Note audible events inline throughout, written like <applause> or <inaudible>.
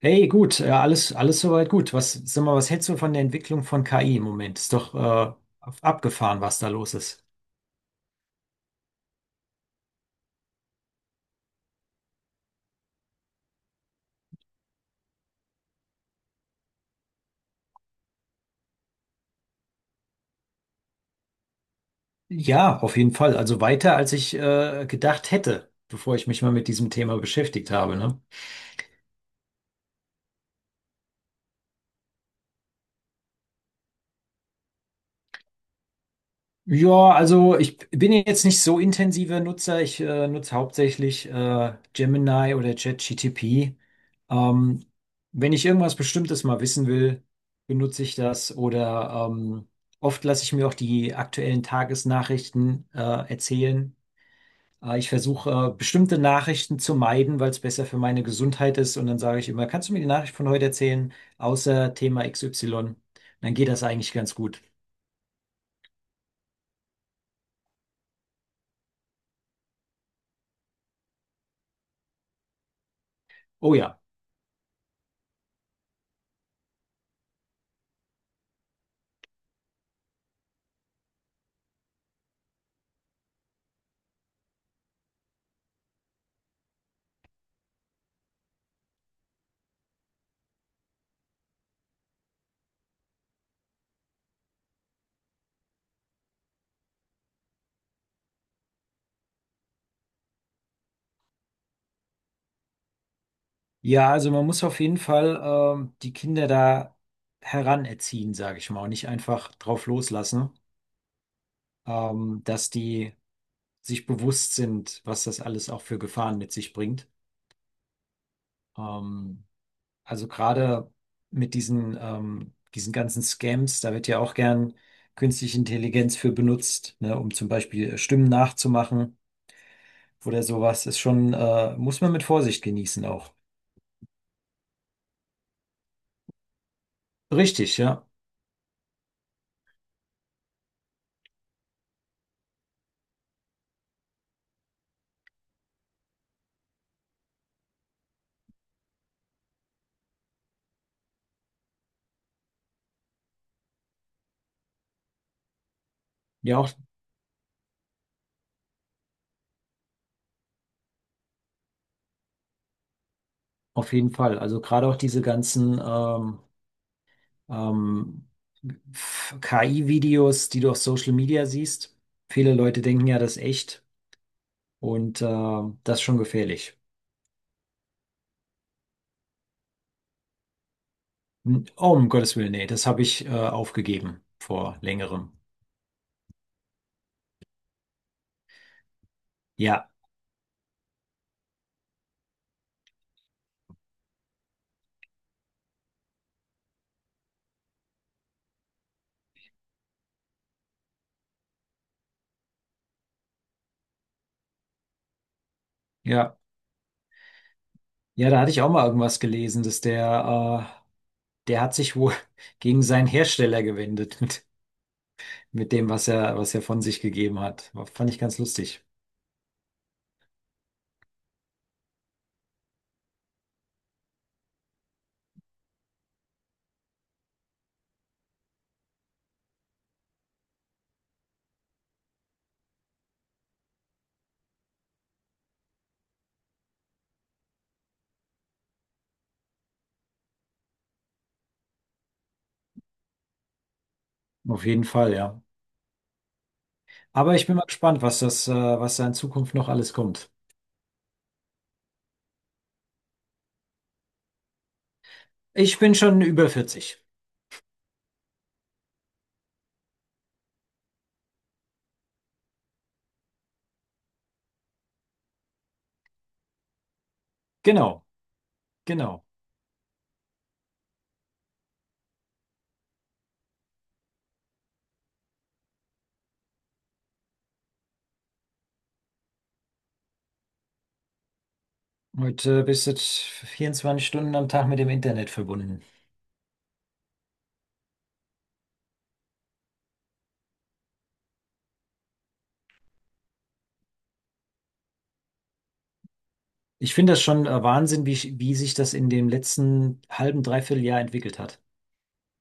Hey, gut, alles, alles soweit gut. Was, sag mal, was hältst du von der Entwicklung von KI im Moment? Ist doch abgefahren, was da los ist. Ja, auf jeden Fall. Also weiter, als ich gedacht hätte, bevor ich mich mal mit diesem Thema beschäftigt habe, ne? Ja, also ich bin jetzt nicht so intensiver Nutzer. Ich nutze hauptsächlich Gemini oder ChatGTP. Ähm, wenn ich irgendwas Bestimmtes mal wissen will, benutze ich das. Oder oft lasse ich mir auch die aktuellen Tagesnachrichten erzählen. Ich versuche bestimmte Nachrichten zu meiden, weil es besser für meine Gesundheit ist. Und dann sage ich immer, kannst du mir die Nachricht von heute erzählen, außer Thema XY? Dann geht das eigentlich ganz gut. Oh ja. Ja, also man muss auf jeden Fall die Kinder da heranerziehen, sage ich mal, und nicht einfach drauf loslassen, dass die sich bewusst sind, was das alles auch für Gefahren mit sich bringt. Ähm, also gerade mit diesen ganzen Scams, da wird ja auch gern künstliche Intelligenz für benutzt, ne, um zum Beispiel Stimmen nachzumachen oder sowas. Ist schon, muss man mit Vorsicht genießen auch. Richtig, ja. Ja, auch auf jeden Fall. Also gerade auch diese ganzen ähm, KI-Videos, die du auf Social Media siehst. Viele Leute denken ja, das ist echt und das ist schon gefährlich. Oh, um Gottes Willen, nee, das habe ich aufgegeben vor längerem. Ja, ja. Ja, da hatte ich auch mal irgendwas gelesen, dass der hat sich wohl <laughs> gegen seinen Hersteller gewendet <laughs> mit dem, was er von sich gegeben hat. Fand ich ganz lustig. Auf jeden Fall, ja. Aber ich bin mal gespannt, was was da in Zukunft noch alles kommt. Ich bin schon über 40. Genau, genau. Heute bist du 24 Stunden am Tag mit dem Internet verbunden. Ich finde das schon Wahnsinn, wie sich das in dem letzten halben, dreiviertel Jahr entwickelt hat.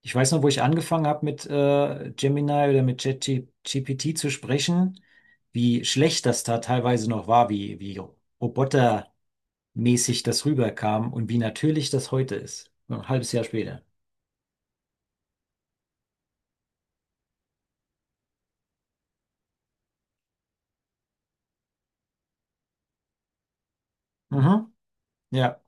Ich weiß noch, wo ich angefangen habe mit Gemini oder mit ChatGPT zu sprechen, wie schlecht das da teilweise noch war, wie robotermäßig das rüberkam und wie natürlich das heute ist. So ein halbes Jahr später. Mhm. Ja,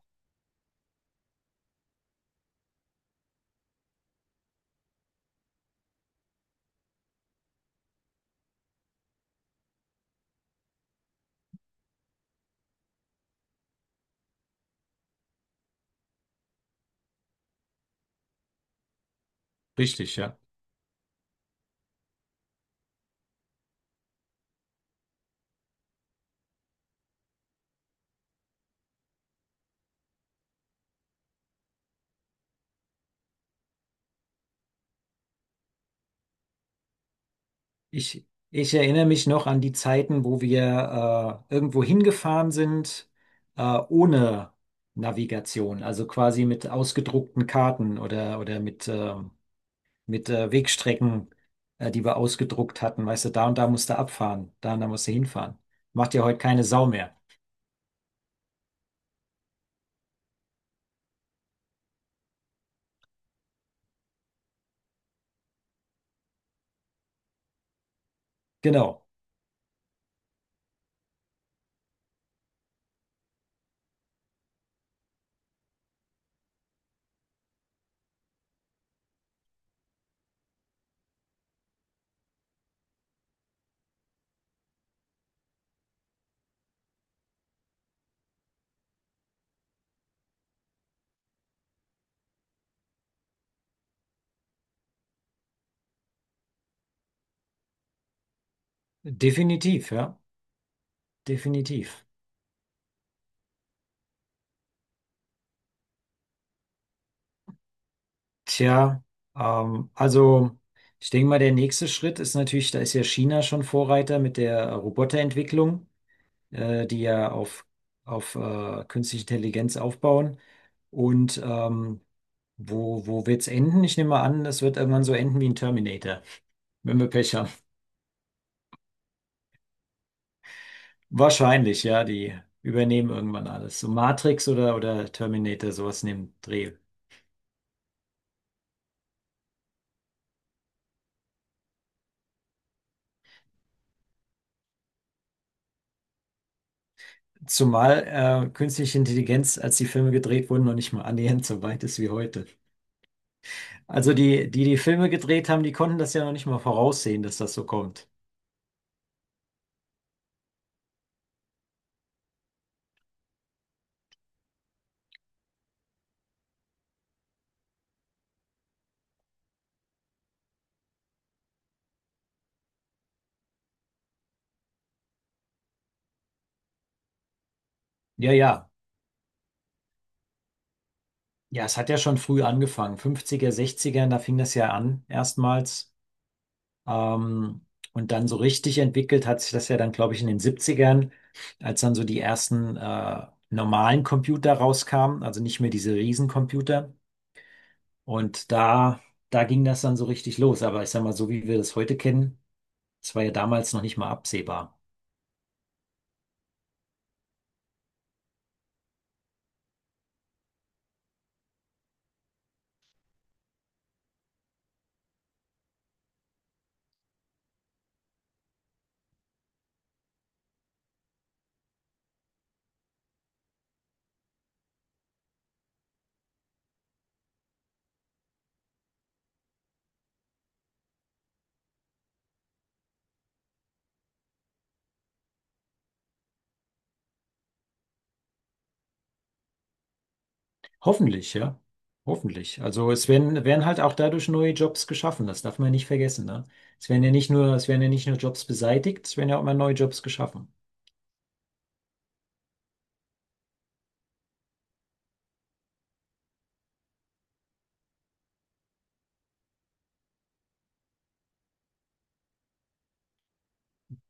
richtig, ja. Ich, ich erinnere mich noch an die Zeiten, wo wir irgendwo hingefahren sind, ohne Navigation, also quasi mit ausgedruckten Karten oder mit Wegstrecken, die wir ausgedruckt hatten. Weißt du, da und da musst du abfahren, da und da musst du hinfahren. Macht ja heute keine Sau mehr. Genau, definitiv, ja, definitiv. Tja, also ich denke mal, der nächste Schritt ist natürlich, da ist ja China schon Vorreiter mit der Roboterentwicklung, die ja auf künstliche Intelligenz aufbauen. Und wo wird's enden? Ich nehme mal an, es wird irgendwann so enden wie ein Terminator, wenn wir Pech haben. Wahrscheinlich, ja, die übernehmen irgendwann alles. So Matrix oder Terminator, sowas in dem Dreh. Zumal künstliche Intelligenz, als die Filme gedreht wurden, noch nicht mal annähernd so weit ist wie heute. Also die die Filme gedreht haben, die konnten das ja noch nicht mal voraussehen, dass das so kommt. Ja, ja. Ja, es hat ja schon früh angefangen. 50er, 60er, da fing das ja an, erstmals. Ähm, und dann so richtig entwickelt hat sich das ja dann, glaube ich, in den 70ern, als dann so die ersten normalen Computer rauskamen, also nicht mehr diese Riesencomputer. Und da, da ging das dann so richtig los. Aber ich sag mal, so wie wir das heute kennen, das war ja damals noch nicht mal absehbar. Hoffentlich, ja. Hoffentlich. Also es werden, werden halt auch dadurch neue Jobs geschaffen. Das darf man ja nicht vergessen, ne? Es werden ja nicht nur, es werden ja nicht nur Jobs beseitigt, es werden ja auch mal neue Jobs geschaffen.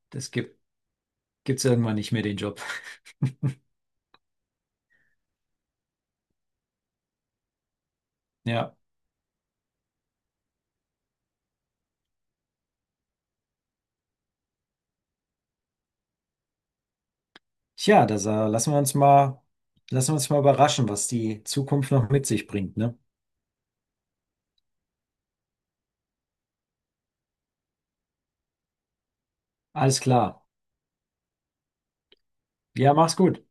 Das gibt's irgendwann nicht mehr den Job. <laughs> Ja. Tja, lassen wir uns mal überraschen, was die Zukunft noch mit sich bringt, ne? Alles klar. Ja, mach's gut.